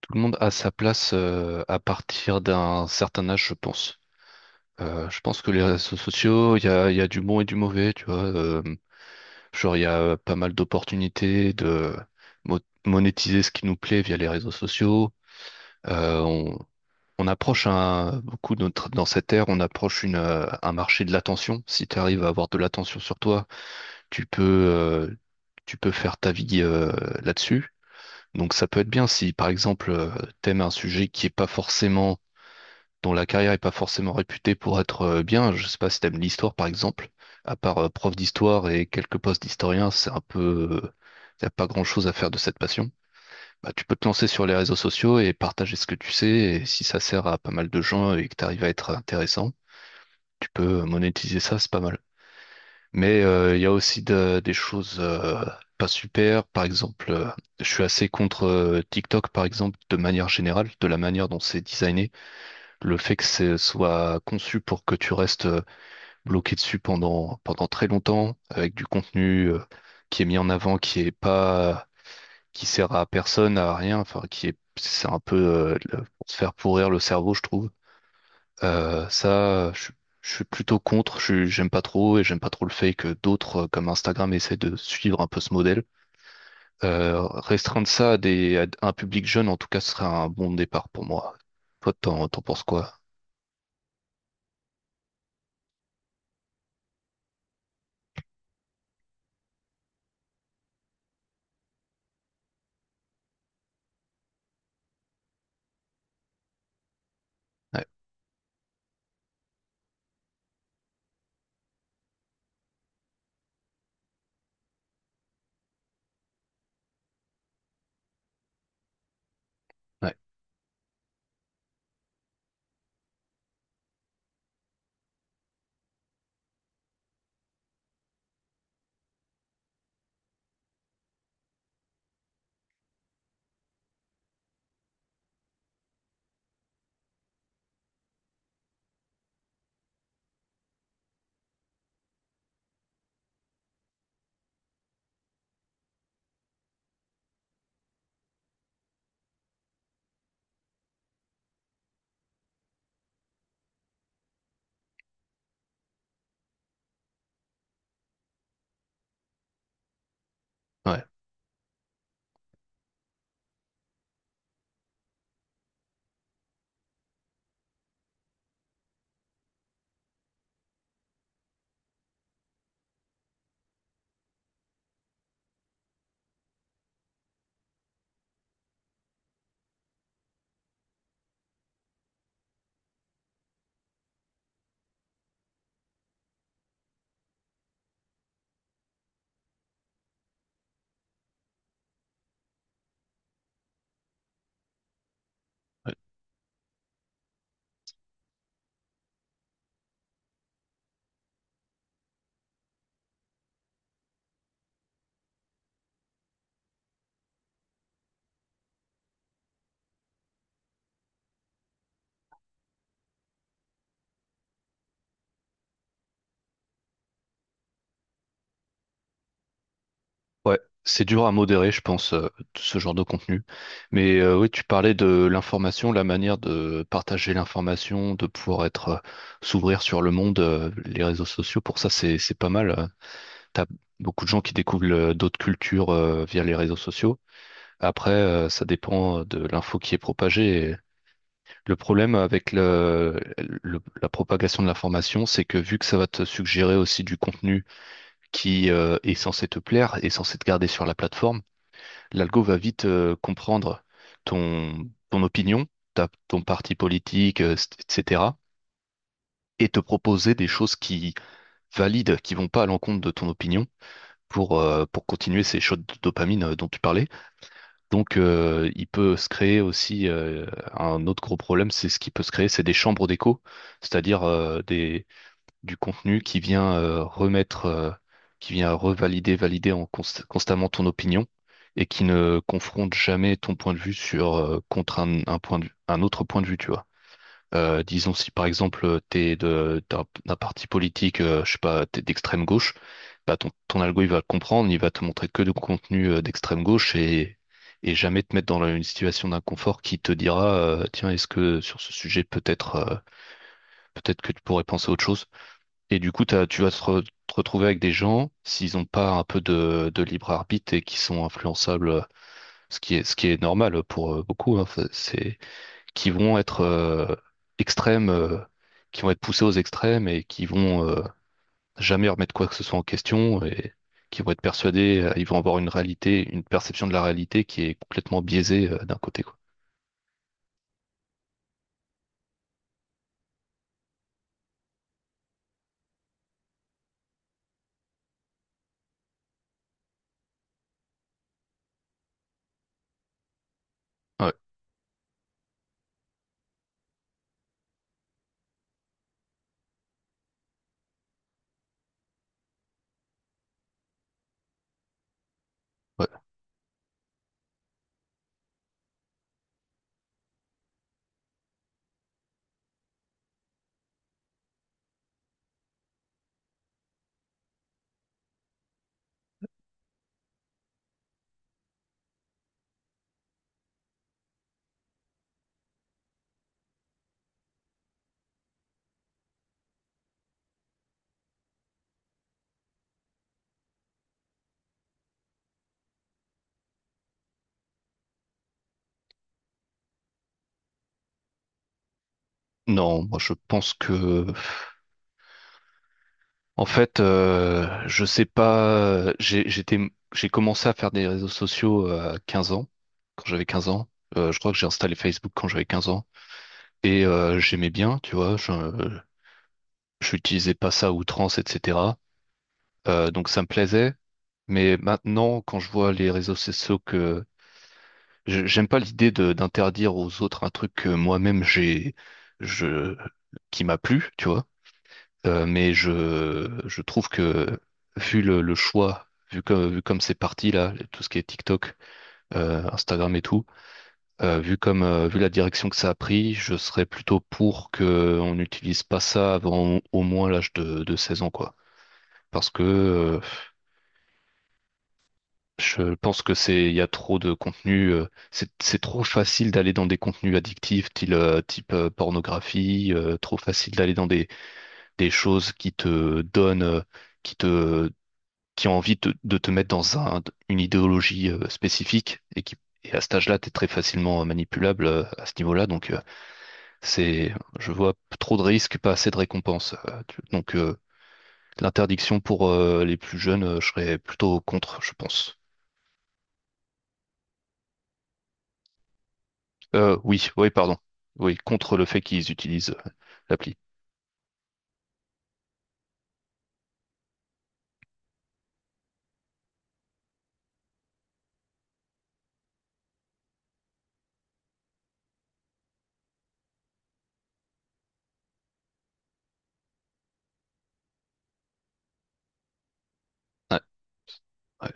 Tout le monde a sa place à partir d'un certain âge, je pense. Je pense que les réseaux sociaux, il y a du bon et du mauvais, tu vois. Genre, il y a pas mal d'opportunités de mo- monétiser ce qui nous plaît via les réseaux sociaux. Euh, on, on approche dans cette ère, on approche un marché de l'attention. Si tu arrives à avoir de l'attention sur toi, tu peux, euh, tu peux faire ta vie là-dessus. Donc ça peut être bien si par exemple t'aimes un sujet qui est pas forcément dont la carrière est pas forcément réputée pour être bien. Je sais pas si t'aimes l'histoire, par exemple. À part prof d'histoire et quelques postes d'historien, c'est un peu, y a pas grand-chose à faire de cette passion. Bah, tu peux te lancer sur les réseaux sociaux et partager ce que tu sais. Et si ça sert à pas mal de gens et que tu arrives à être intéressant, tu peux monétiser ça, c'est pas mal. Mais il y a aussi des choses pas super. Par exemple, je suis assez contre TikTok, par exemple, de manière générale, de la manière dont c'est designé. Le fait que ce soit conçu pour que tu restes bloqué dessus pendant très longtemps, avec du contenu qui est mis en avant, qui est pas, qui sert à personne, à rien, enfin, qui est, c'est un peu pour se faire pourrir le cerveau, je trouve. Euh, ça, je, je suis plutôt contre, j'aime pas trop et j'aime pas trop le fait que d'autres, comme Instagram, essaient de suivre un peu ce modèle. Restreindre ça à, des, à un public jeune, en tout cas, ce serait un bon départ pour moi. Toi, t'en penses quoi? Ouais, ouais, ouais, ouais. Ouais, c'est dur à modérer, je pense, ce genre de contenu. Mais oui, tu parlais de l'information, la manière de partager l'information, de pouvoir être, s'ouvrir sur le monde, les réseaux sociaux. Pour ça, c'est pas mal. T'as beaucoup de gens qui découvrent d'autres cultures via les réseaux sociaux. Après, ça dépend de l'info qui est propagée. Et le problème avec la propagation de l'information, c'est que vu que ça va te suggérer aussi du contenu qui est censé te plaire, est censé te garder sur la plateforme, l'algo va vite comprendre ton opinion, ton parti politique, etc., et te proposer des choses qui valident, qui vont pas à l'encontre de ton opinion, pour continuer ces shots de dopamine dont tu parlais. Donc, il peut se créer aussi un autre gros problème, c'est ce qui peut se créer, c'est des chambres d'écho, c'est-à-dire du contenu qui vient qui vient valider en constamment ton opinion et qui ne confronte jamais ton point de vue sur contre un un autre point de vue, tu vois. Disons si par exemple t'es de d'un d'un parti politique, je sais pas, t'es d'extrême gauche, bah ton algo il va le comprendre, il va te montrer que du contenu d'extrême gauche et jamais te mettre dans une situation d'inconfort qui te dira tiens, est-ce que sur ce sujet peut-être peut-être que tu pourrais penser à autre chose. Et du coup tu vas te retrouver avec des gens s'ils ont pas un peu de libre arbitre et qui sont influençables, ce qui est normal pour beaucoup, hein, c'est qui vont être extrêmes, qui vont être poussés aux extrêmes et qui vont jamais remettre quoi que ce soit en question et qui vont être persuadés, ils vont avoir une réalité, une perception de la réalité qui est complètement biaisée d'un côté, quoi. Ouais, ouais. Non, moi je pense que, en fait, je sais pas, j'ai commencé à faire des réseaux sociaux à 15 ans, quand j'avais 15 ans. Je crois que j'ai installé Facebook quand j'avais 15 ans. Et j'aimais bien, tu vois, j'utilisais pas ça à outrance, etc. Donc ça me plaisait, mais maintenant, quand je vois les réseaux sociaux que j'aime pas l'idée de d'interdire aux autres un truc que moi-même j'ai je qui m'a plu, tu vois. Mais je trouve que vu le choix, vu comme c'est parti là, tout ce qui est TikTok, Instagram et tout, vu la direction que ça a pris, je serais plutôt pour que on n'utilise pas ça avant au moins l'âge de 16 ans, quoi. Parce que je pense que c'est, il y a trop de contenu, c'est trop facile d'aller dans des contenus addictifs, type, pornographie, trop facile d'aller dans des choses qui te donnent, qui te, qui ont envie de te mettre dans une idéologie spécifique et à cet âge-là, t'es très facilement manipulable à ce niveau-là. Donc, c'est, je vois trop de risques, pas assez de récompenses. L'interdiction pour les plus jeunes, je serais plutôt contre, je pense. Oui, oui, pardon. Oui, contre le fait qu'ils utilisent l'appli. Ouais, ouais,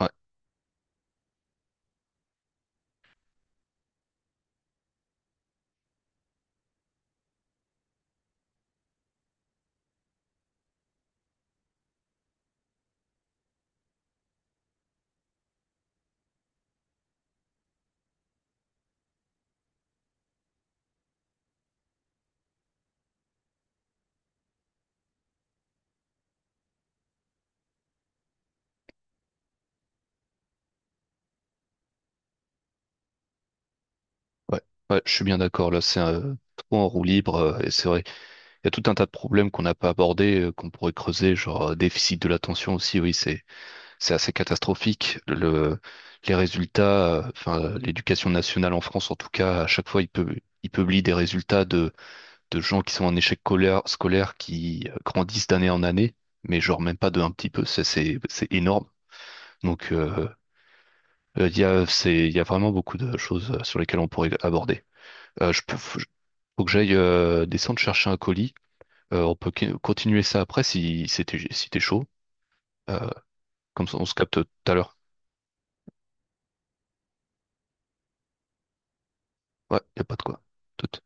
ouais, ouais, ouais, je suis bien d'accord. Là, c'est trop en roue libre. Et c'est vrai, il y a tout un tas de problèmes qu'on n'a pas abordés, qu'on pourrait creuser, genre déficit de l'attention aussi. Oui, c'est assez catastrophique. Les résultats, l'éducation nationale en France, en tout cas, à chaque fois, il peut. Il publie des résultats de gens qui sont en échec scolaire, scolaire qui grandissent d'année en année, mais genre même pas de un petit peu, c'est énorme. Donc, il y a vraiment beaucoup de choses sur lesquelles on pourrait aborder. Euh, je peux, faut, Faut que j'aille descendre chercher un colis. On peut continuer ça après si, si t'es chaud. Euh, Comme ça, on se capte tout à l'heure. Ouais, y a pas de quoi. Tout-